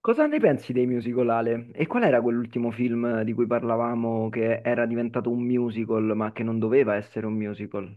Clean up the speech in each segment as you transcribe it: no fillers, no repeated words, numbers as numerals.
Cosa ne pensi dei musical, Ale? E qual era quell'ultimo film di cui parlavamo che era diventato un musical, ma che non doveva essere un musical?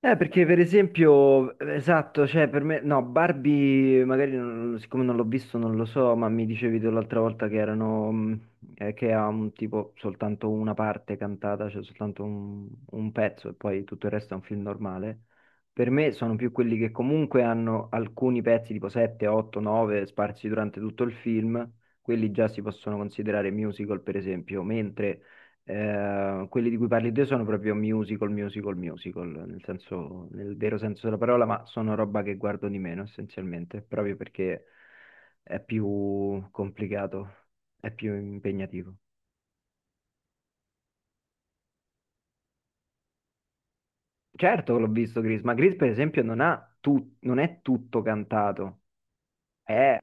Perché per esempio, esatto, cioè per me, no, Barbie magari siccome non l'ho visto non lo so, ma mi dicevi tu l'altra volta che che ha un tipo soltanto una parte cantata, cioè soltanto un pezzo e poi tutto il resto è un film normale. Per me sono più quelli che comunque hanno alcuni pezzi tipo 7, 8, 9 sparsi durante tutto il film, quelli già si possono considerare musical per esempio, mentre quelli di cui parli te sono proprio musical, musical, musical, nel senso, nel vero senso della parola, ma sono roba che guardo di meno essenzialmente, proprio perché è più complicato, è più impegnativo. Certo che l'ho visto Grease, ma Grease per esempio non ha tu- non è tutto cantato, è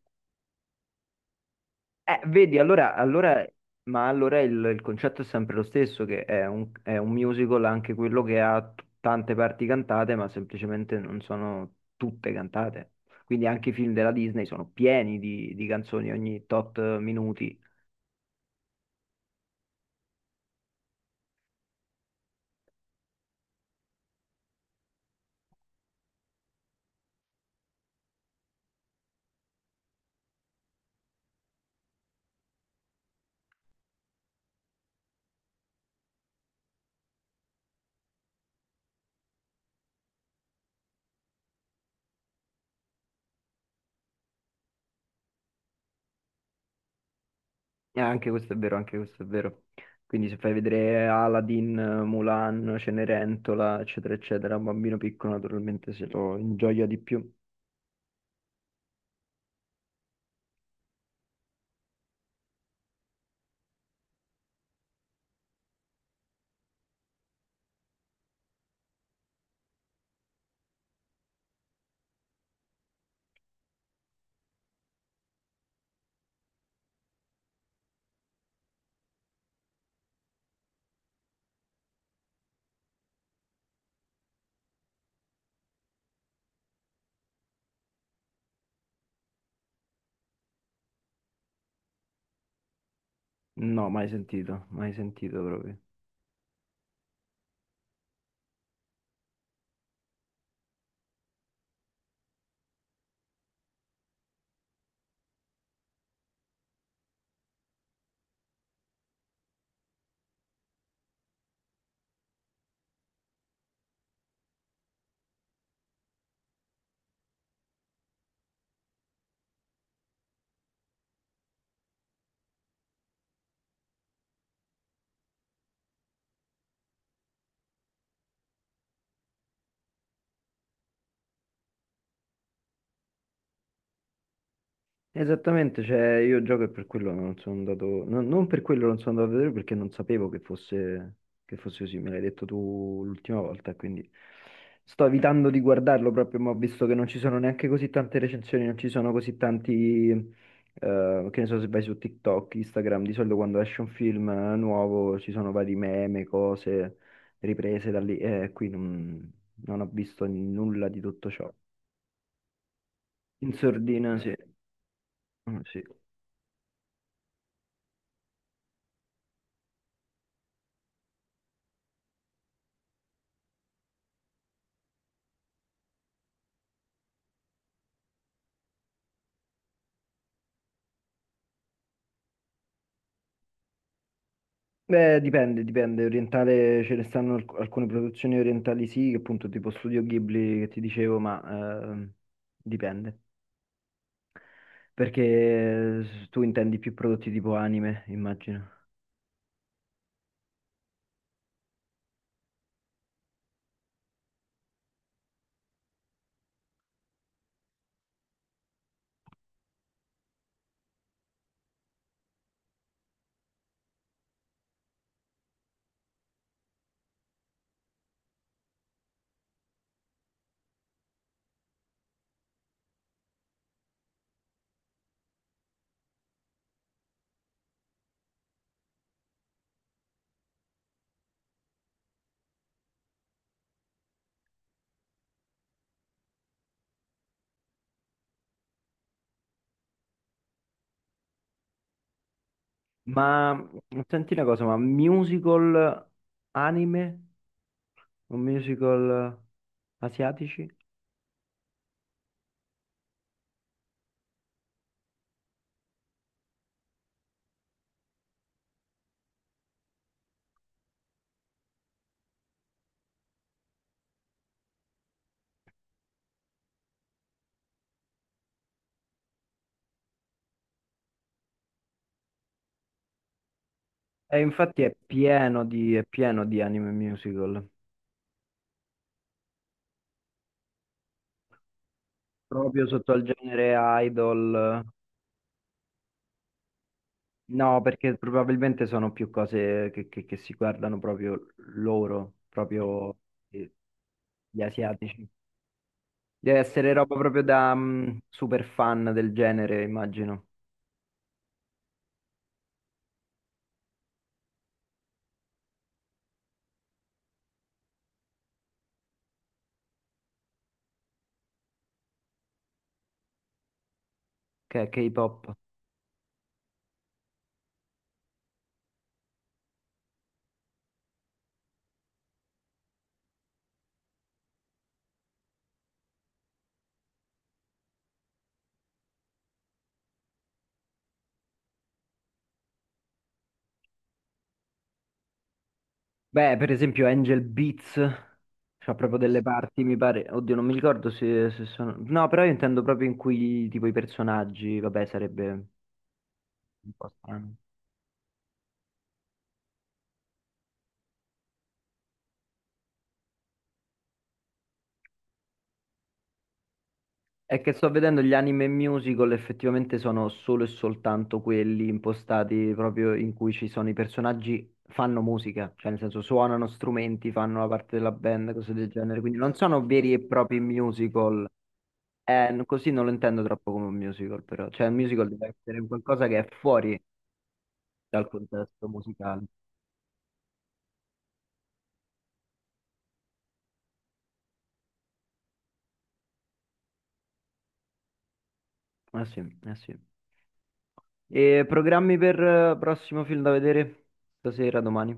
Vedi, allora, allora- ma allora il concetto è sempre lo stesso, che è è un musical anche quello che ha tante parti cantate, ma semplicemente non sono tutte cantate. Quindi anche i film della Disney sono pieni di canzoni ogni tot minuti. E anche questo è vero, anche questo è vero. Quindi se fai vedere Aladdin, Mulan, Cenerentola, eccetera, eccetera, un bambino piccolo naturalmente se lo ingioia di più. No, mai sentito, mai sentito proprio. Esattamente, cioè io gioco e per quello non sono andato, non per quello non sono andato a vedere perché non sapevo che fosse così, me l'hai detto tu l'ultima volta, quindi sto evitando di guardarlo proprio, ma ho visto che non ci sono neanche così tante recensioni, non ci sono così tanti, che ne so, se vai su TikTok, Instagram, di solito quando esce un film nuovo ci sono vari meme, cose riprese da lì, e qui non ho visto nulla di tutto ciò. In sordina, sì. Mm, sì. Beh, dipende, dipende. Orientale ce ne stanno alcune produzioni orientali sì, che appunto tipo Studio Ghibli che ti dicevo, ma ehm, dipende. Perché tu intendi più prodotti tipo anime, immagino. Ma senti una cosa, ma musical anime? O musical asiatici? E infatti è pieno di anime musical, proprio sotto al genere idol. No, perché probabilmente sono più cose che si guardano proprio loro, proprio eh, gli asiatici. Deve essere roba proprio da super fan del genere, immagino, che è K-pop. Beh, per esempio Angel Beats, c'ha proprio delle parti, mi pare, oddio, non mi ricordo se sono... No, però io intendo proprio in cui tipo i personaggi, vabbè, sarebbe un po' strano. È che sto vedendo gli anime musical, effettivamente sono solo e soltanto quelli impostati proprio in cui ci sono i personaggi fanno musica, cioè nel senso suonano strumenti, fanno la parte della band, cose del genere, quindi non sono veri e propri musical. Così non lo intendo troppo come un musical, però, cioè un musical deve essere un qualcosa che è fuori dal contesto musicale. Eh sì, eh sì. E programmi per prossimo film da vedere stasera, domani?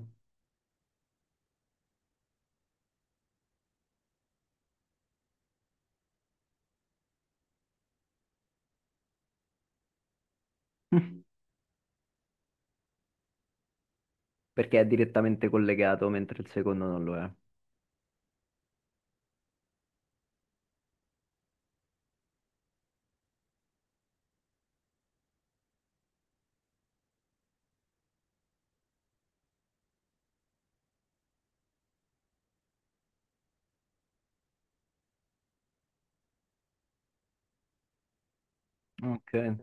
Perché è direttamente collegato, mentre il secondo non lo è. Ok.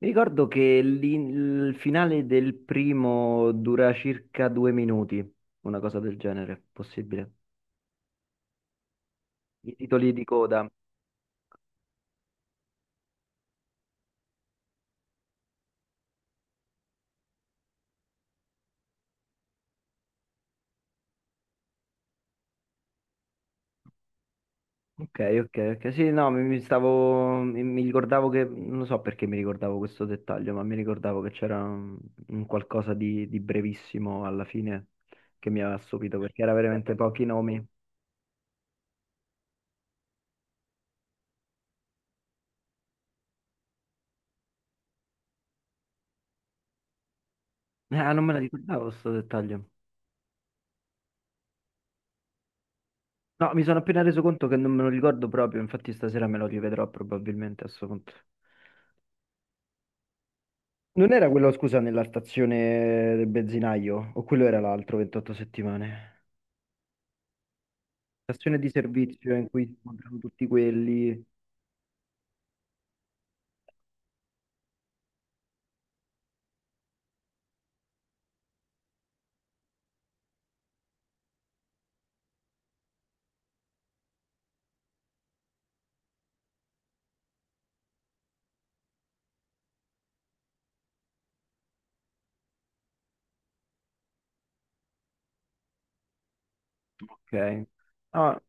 Mi ricordo che il finale del primo dura circa 2 minuti, una cosa del genere, possibile. I titoli di coda. Ok, ok, ok. Sì, no, mi ricordavo che, non so perché mi ricordavo questo dettaglio, ma mi ricordavo che c'era un qualcosa di brevissimo alla fine che mi aveva stupito perché era veramente pochi nomi. Ah, non me la ricordavo questo dettaglio. No, mi sono appena reso conto che non me lo ricordo proprio, infatti stasera me lo rivedrò probabilmente a sto punto. Non era quello, scusa, nella stazione del benzinaio? O quello era l'altro 28 settimane? Stazione di servizio in cui si incontrano tutti quelli. Ok. Ah,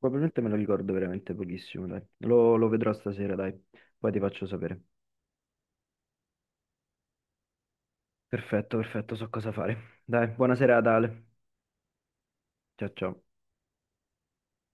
probabilmente me lo ricordo veramente pochissimo, dai. Lo vedrò stasera, dai. Poi ti faccio sapere. Perfetto, perfetto, so cosa fare. Dai, buona serata, Ale. Ciao, ciao.